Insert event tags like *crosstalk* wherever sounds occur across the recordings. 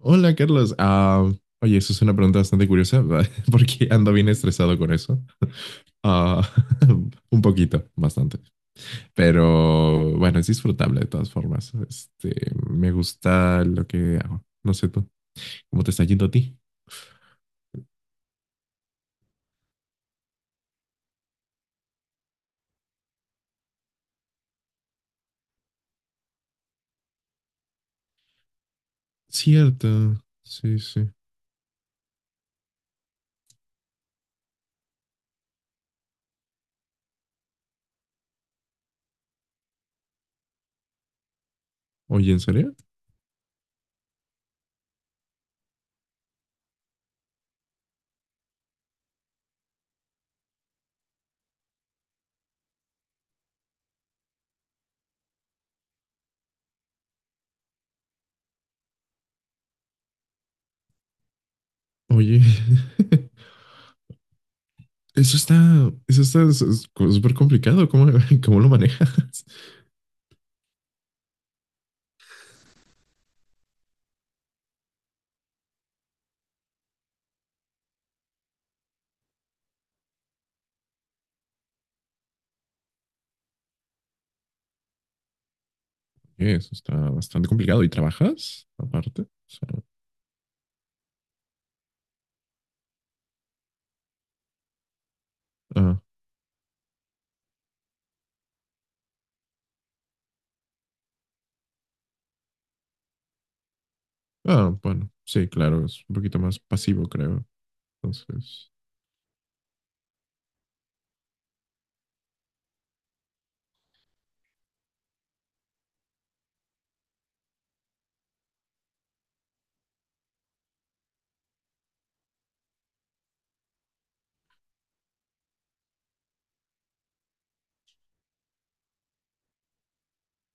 Hola, Carlos. Oye, eso es una pregunta bastante curiosa, *laughs* porque ando bien estresado con eso. Ah, *laughs* un poquito, bastante. Pero bueno, es disfrutable de todas formas. Me gusta lo que hago. No sé tú, ¿cómo te está yendo a ti? Cierto. Sí, sí. Oye, ¿en serio? Oye, *laughs* eso está, eso está s- s- súper complicado. ¿Cómo, *laughs* cómo lo manejas? Eso está bastante complicado. ¿Y trabajas aparte? O sea, ah, bueno, sí, claro, es un poquito más pasivo, creo. Entonces,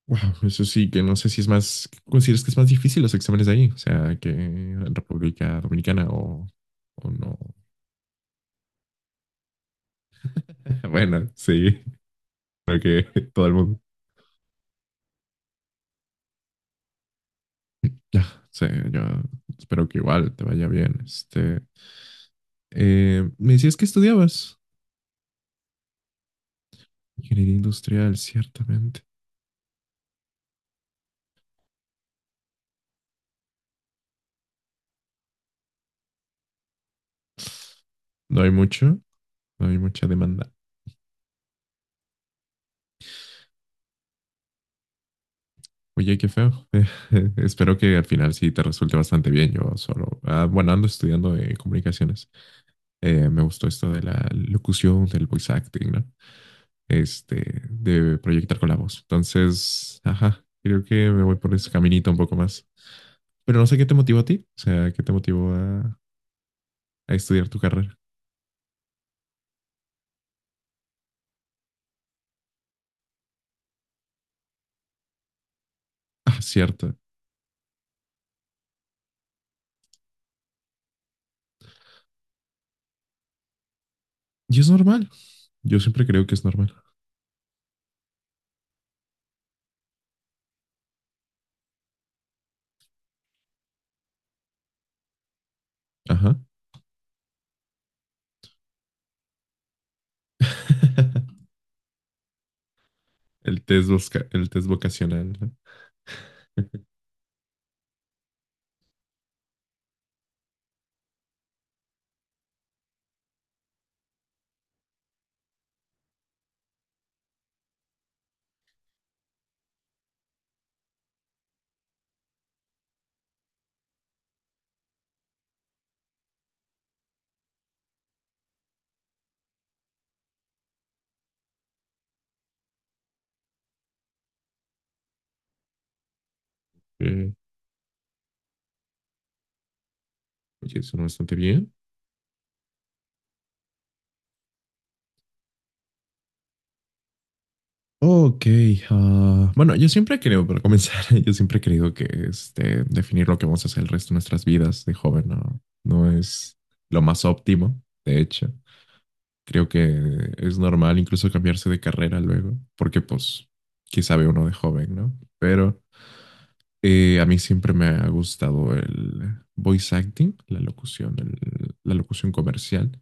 wow, eso sí, que no sé si es más, ¿consideras que es más difícil los exámenes de ahí? O sea, ¿que en República Dominicana o no? *laughs* Bueno, sí, creo que *laughs* todo el mundo. Ya, sí, yo espero que igual te vaya bien. Me decías que estudiabas ingeniería industrial, ciertamente. No hay mucho, no hay mucha demanda. Oye, qué feo. *laughs* Espero que al final sí te resulte bastante bien. Yo solo, ah, bueno, ando estudiando comunicaciones. Me gustó esto de la locución, del voice acting, ¿no? De proyectar con la voz. Entonces, ajá, creo que me voy por ese caminito un poco más. Pero no sé qué te motivó a ti. O sea, qué te motivó a estudiar tu carrera. *laughs* Ah, cierto. Y es normal. Yo siempre creo que es normal. Ajá. *laughs* El test vocacional, ¿no? *laughs* Eh, oye, suena bastante bien. Ok, ah, bueno, yo siempre creo, para comenzar, *laughs* yo siempre he creído que definir lo que vamos a hacer el resto de nuestras vidas de joven no, no es lo más óptimo, de hecho. Creo que es normal incluso cambiarse de carrera luego, porque pues, qué sabe uno de joven, ¿no? Pero a mí siempre me ha gustado el voice acting, la locución, la locución comercial.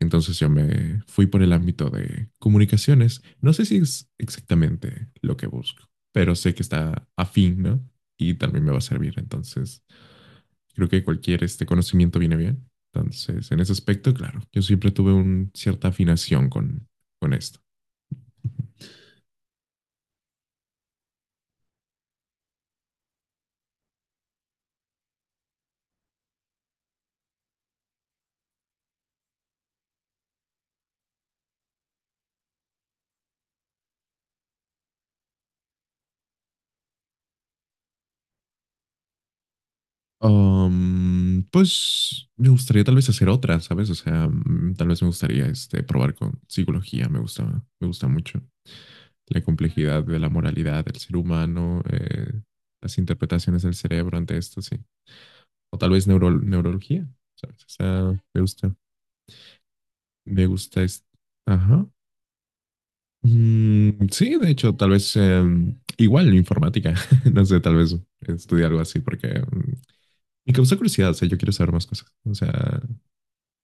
Entonces yo me fui por el ámbito de comunicaciones. No sé si es exactamente lo que busco, pero sé que está afín, ¿no? Y también me va a servir. Entonces, creo que cualquier este conocimiento viene bien. Entonces, en ese aspecto, claro, yo siempre tuve una cierta afinación con esto. Pues me gustaría tal vez hacer otra, ¿sabes? O sea, tal vez me gustaría probar con psicología, me gusta mucho la complejidad de la moralidad del ser humano, las interpretaciones del cerebro ante esto, sí. O tal vez neurología, ¿sabes? O sea, me gusta, me gusta es- ajá. Sí, de hecho, tal vez igual informática, *laughs* no sé, tal vez estudiar algo así porque me causa curiosidad, o sea, yo quiero saber más cosas, o sea,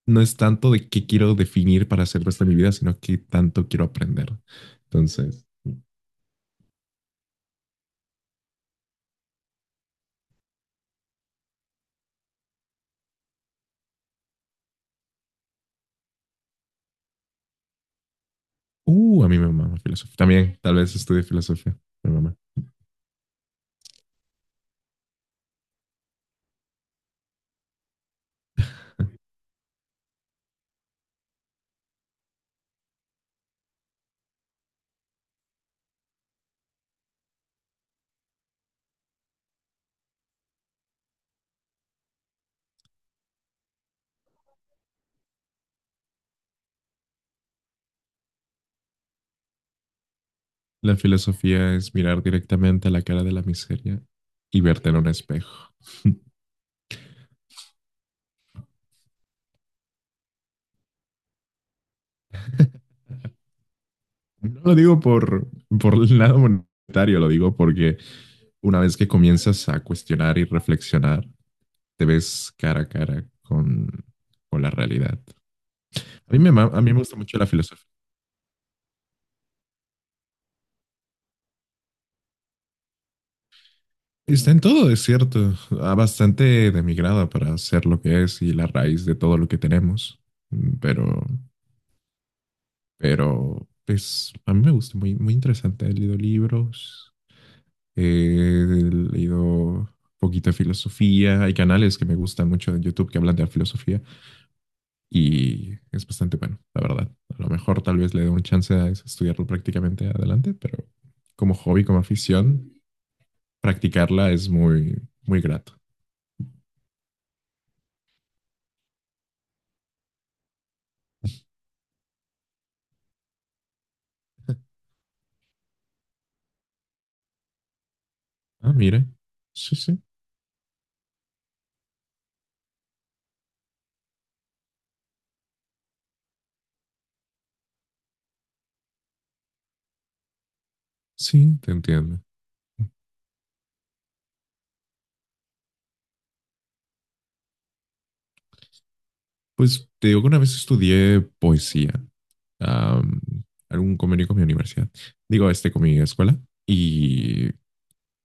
no es tanto de qué quiero definir para hacer el resto de mi vida, sino qué tanto quiero aprender. Entonces, mm. A mí me mama filosofía. También, tal vez estudie filosofía. Me mama. La filosofía es mirar directamente a la cara de la miseria y verte en un espejo. *laughs* No lo digo por el lado monetario, lo digo porque una vez que comienzas a cuestionar y reflexionar, te ves cara a cara con la realidad. A mí me gusta mucho la filosofía. Está en todo, es cierto. Ah, bastante de mi grado para ser lo que es y la raíz de todo lo que tenemos. Mm, Pero, pero, pues, a mí me gusta, muy, muy interesante. He leído libros. He leído poquita filosofía. Hay canales que me gustan mucho de YouTube que hablan de la filosofía y es bastante bueno, la verdad. A lo mejor tal vez le dé un chance a estudiarlo prácticamente adelante, pero como hobby, como afición, practicarla es muy, muy grato. Ah, mira. Sí, sí. Sí, te entiendo. Pues te digo que una vez estudié poesía. am, Algún convenio con mi universidad. Digo, este con mi escuela. Y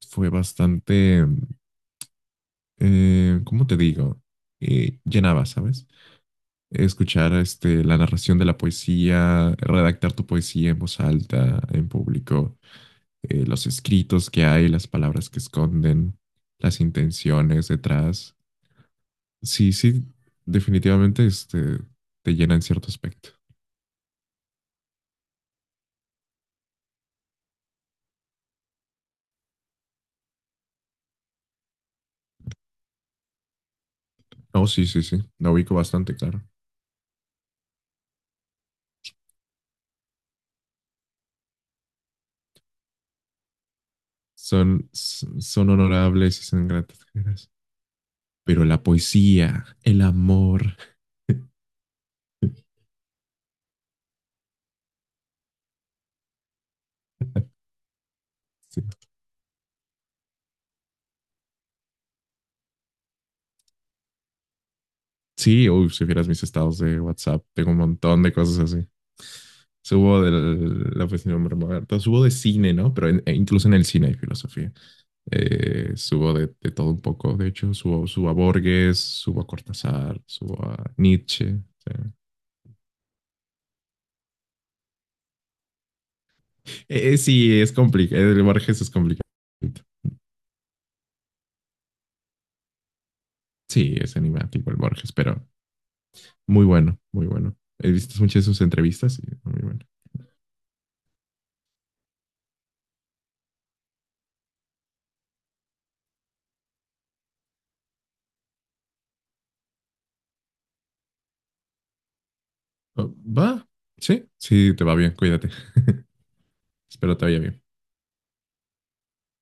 fue bastante ¿cómo te digo? Llenaba, ¿sabes? Escuchar la narración de la poesía, redactar tu poesía en voz alta, en público, los escritos que hay, las palabras que esconden, las intenciones detrás. Sí, sí, definitivamente te llena en cierto aspecto. Oh, sí, sí, sí, la ubico bastante, claro. Son, son honorables y son gratas. Pero la poesía, el amor. *laughs* Sí. Sí, uy, si vieras mis estados de WhatsApp, tengo un montón de cosas así. Subo de la oficina de Humberto, subo de cine, ¿no? E incluso en el cine hay filosofía. Subo de todo un poco, de hecho, subo, subo a Borges, subo a Cortázar, subo a Nietzsche. O sea, sí, es complicado, el Borges es complicado. Sí, es enigmático el Borges, pero muy bueno, muy bueno. He visto muchas de sus entrevistas y muy bueno. Oh, va, sí, sí, te va bien, cuídate. *laughs* Espero te vaya bien.